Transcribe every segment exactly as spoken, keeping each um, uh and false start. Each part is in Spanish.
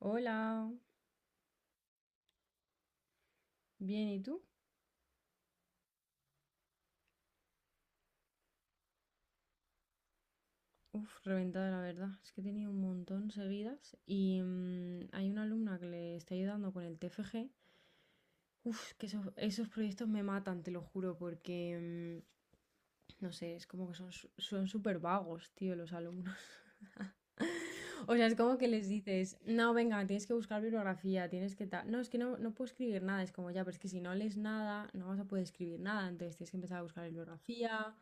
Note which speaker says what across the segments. Speaker 1: Hola, bien, ¿y tú? Uf, reventada la verdad, es que he tenido un montón seguidas y mm, hay una alumna que le está ayudando con el T F G. Uf, que esos, esos proyectos me matan, te lo juro, porque mm, no sé, es como que son su- son súper vagos, tío, los alumnos. O sea, es como que les dices, no, venga, tienes que buscar bibliografía, tienes que tal. No, es que no, no puedo escribir nada, es como ya, pero es que si no lees nada, no vas a poder escribir nada, entonces tienes que empezar a buscar bibliografía.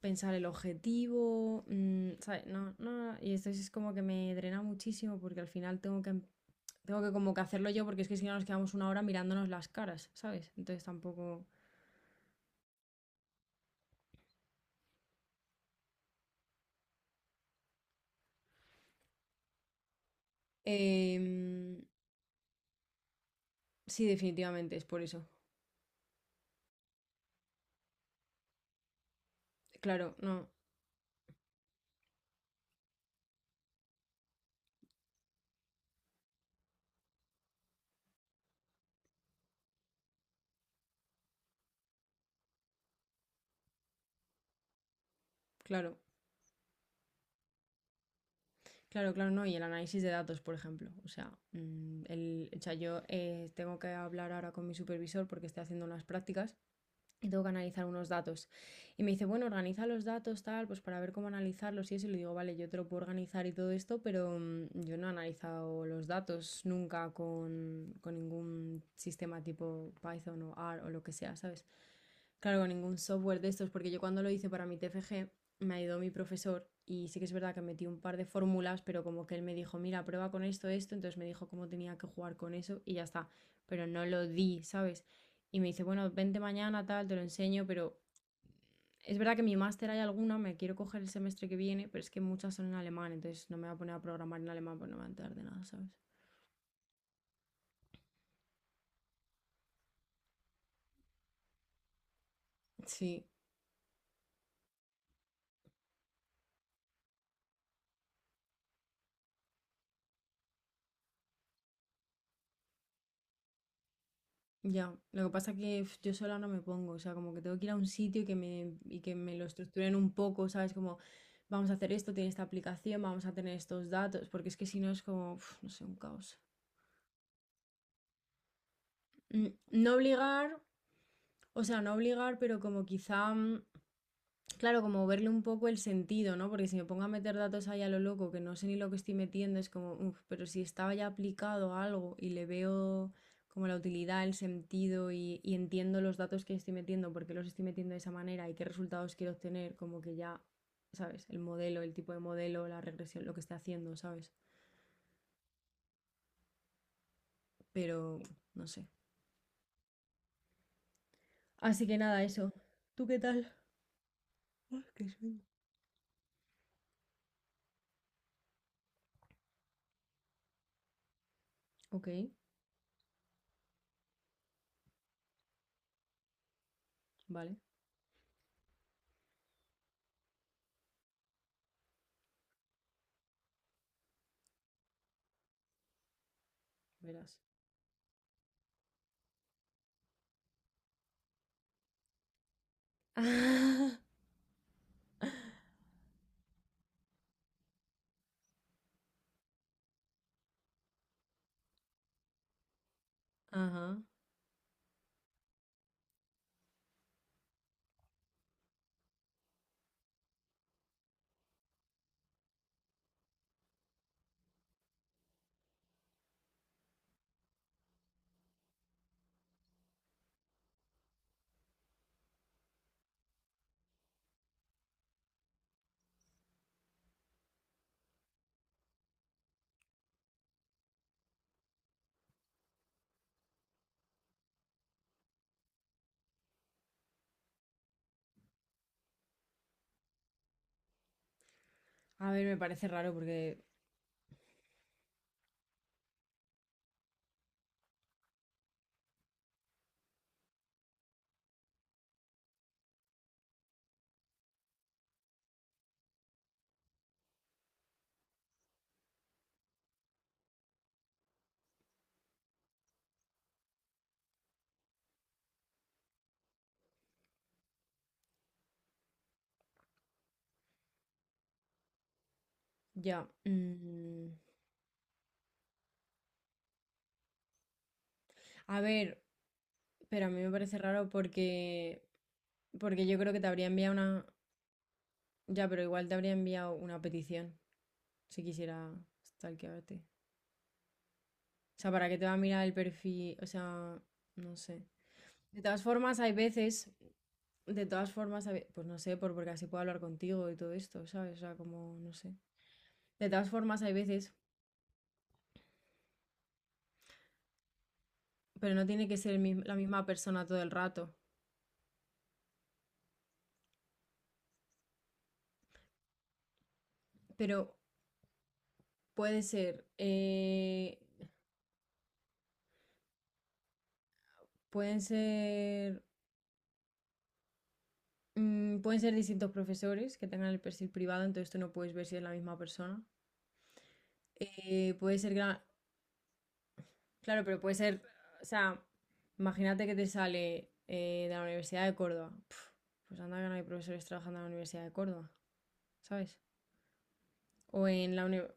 Speaker 1: Pensar el objetivo, mm, ¿sabes? No, no, no, y esto es como que me drena muchísimo porque al final tengo que, em, tengo que como que hacerlo yo porque es que si no nos quedamos una hora mirándonos las caras, ¿sabes? Entonces tampoco... Em, sí, definitivamente es por eso. Claro, no, claro. Claro, claro, no. Y el análisis de datos, por ejemplo. O sea, mm, el, o sea, yo eh, tengo que hablar ahora con mi supervisor porque estoy haciendo unas prácticas y tengo que analizar unos datos. Y me dice, bueno, organiza los datos, tal, pues para ver cómo analizarlos y eso. Y le digo, vale, yo te lo puedo organizar y todo esto, pero mm, yo no he analizado los datos nunca con, con ningún sistema tipo Python o R o lo que sea, ¿sabes? Claro, con ningún software de estos, porque yo cuando lo hice para mi T F G me ayudó mi profesor y sí que es verdad que metí un par de fórmulas, pero como que él me dijo, mira, prueba con esto, esto, entonces me dijo cómo tenía que jugar con eso y ya está, pero no lo di, ¿sabes? Y me dice, bueno, vente mañana, tal, te lo enseño, pero es verdad que mi máster hay alguna, me quiero coger el semestre que viene, pero es que muchas son en alemán, entonces no me voy a poner a programar en alemán, pues no me va a enterar de nada, ¿sabes? Sí, ya, lo que pasa que uf, yo sola no me pongo, o sea, como que tengo que ir a un sitio y que me, y que me lo estructuren un poco, ¿sabes? Como, vamos a hacer esto, tiene esta aplicación, vamos a tener estos datos, porque es que si no es como, uf, no sé, un caos. Mm, no obligar, o sea, no obligar, pero como quizá mm, claro, como verle un poco el sentido, ¿no? Porque si me pongo a meter datos ahí a lo loco, que no sé ni lo que estoy metiendo, es como, uff, pero si estaba ya aplicado a algo y le veo como la utilidad, el sentido y, y entiendo los datos que estoy metiendo, por qué los estoy metiendo de esa manera y qué resultados quiero obtener, como que ya, ¿sabes? El modelo, el tipo de modelo, la regresión, lo que esté haciendo, ¿sabes? Pero, no sé. Así que nada, eso. ¿Tú qué tal? Ay, qué sueño. Ok, vale, verás. Ajá. A ver, me parece raro porque ya. Mm. A ver, pero a mí me parece raro porque, porque yo creo que te habría enviado una... Ya, pero igual te habría enviado una petición si quisiera stalkearte. O sea, ¿para qué te va a mirar el perfil? O sea, no sé. De todas formas, hay veces... De todas formas, hay ve- pues no sé, por, porque así puedo hablar contigo y todo esto, ¿sabes? O sea, como, no sé. De todas formas, hay veces, pero no tiene que ser el mis- la misma persona todo el rato. Pero puede ser... eh, pueden ser, mm, pueden ser distintos profesores que tengan el perfil privado, entonces tú no puedes ver si es la misma persona. Eh, puede ser, gra- claro, pero puede ser, o sea, imagínate que te sale eh, de la Universidad de Córdoba. Pf, pues anda que no hay profesores trabajando en la Universidad de Córdoba, ¿sabes? O en la uni-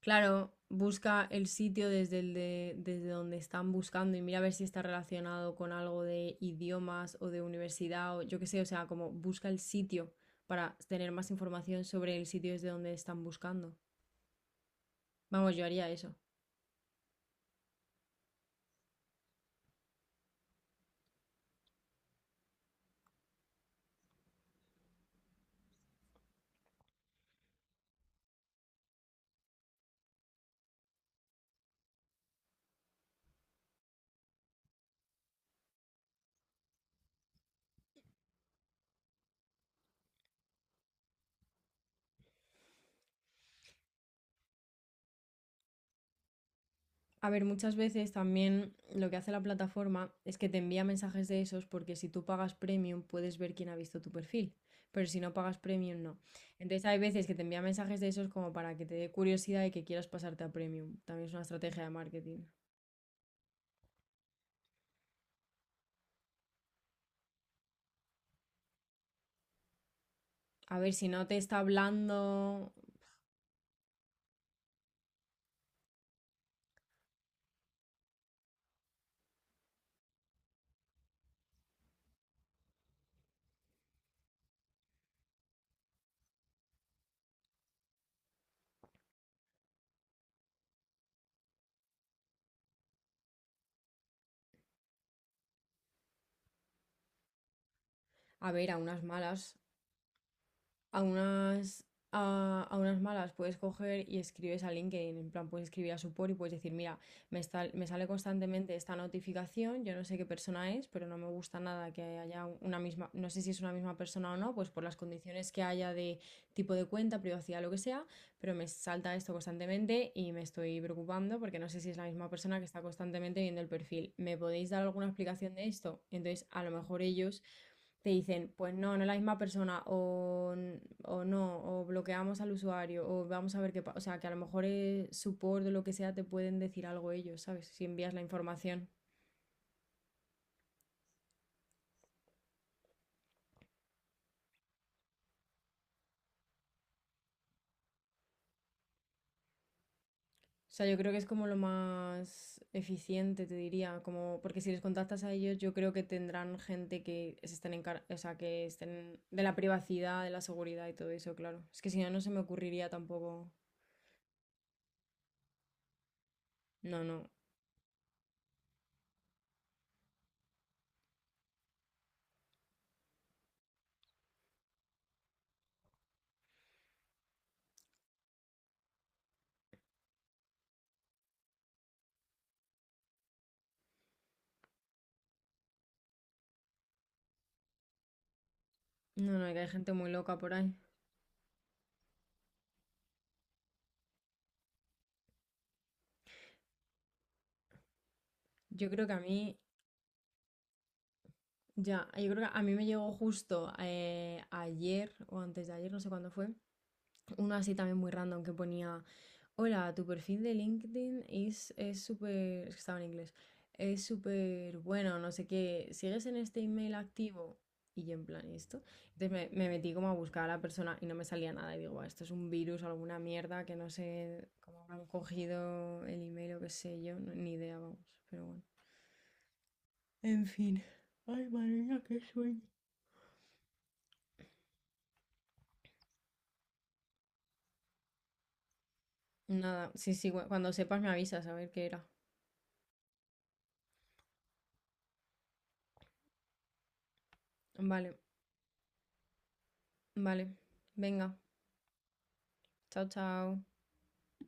Speaker 1: claro, busca el sitio desde el de, desde donde están buscando y mira a ver si está relacionado con algo de idiomas o de universidad o yo qué sé, o sea, como busca el sitio para tener más información sobre el sitio desde donde están buscando. Vamos, yo haría eso. A ver, muchas veces también lo que hace la plataforma es que te envía mensajes de esos porque si tú pagas premium puedes ver quién ha visto tu perfil, pero si no pagas premium no. Entonces hay veces que te envía mensajes de esos como para que te dé curiosidad y que quieras pasarte a premium. También es una estrategia de marketing. A ver, si no te está hablando, a ver, a unas malas, a unas, a, a unas malas puedes coger y escribes a LinkedIn, en plan puedes escribir a support y puedes decir, mira, me, está- me sale constantemente esta notificación, yo no sé qué persona es, pero no me gusta nada que haya una misma, no sé si es una misma persona o no, pues por las condiciones que haya de tipo de cuenta, privacidad, lo que sea, pero me salta esto constantemente y me estoy preocupando porque no sé si es la misma persona que está constantemente viendo el perfil. ¿Me podéis dar alguna explicación de esto? Entonces, a lo mejor ellos te dicen, pues no, no es la misma persona, o, o no, o bloqueamos al usuario, o vamos a ver qué pasa. O sea, que a lo mejor es support o lo que sea, te pueden decir algo ellos, ¿sabes? Si envías la información. O sea, yo creo que es como lo más eficiente, te diría, como porque si les contactas a ellos, yo creo que tendrán gente que se estén encar- o sea, que estén de la privacidad, de la seguridad y todo eso, claro. Es que si no, no se me ocurriría tampoco. No, no. No, no, que hay gente muy loca por ahí. Yo creo que a mí ya, yo creo que a mí me llegó justo eh, ayer o antes de ayer, no sé cuándo fue, uno así también muy random que ponía, hola, tu perfil de LinkedIn es es súper, es que estaba en inglés, es súper bueno, no sé qué, ¿sigues en este email activo? Y yo en plan, ¿y esto? Entonces me, me metí como a buscar a la persona y no me salía nada y digo, "Buah, esto es un virus alguna mierda que no sé cómo habrán cogido el email o qué sé yo, no- ni idea, vamos, pero bueno. En fin. Ay, madre mía, qué sueño. Nada, sí, sí, cu- cuando sepas me avisas a ver qué era. Vale, vale. Venga, chao, chao.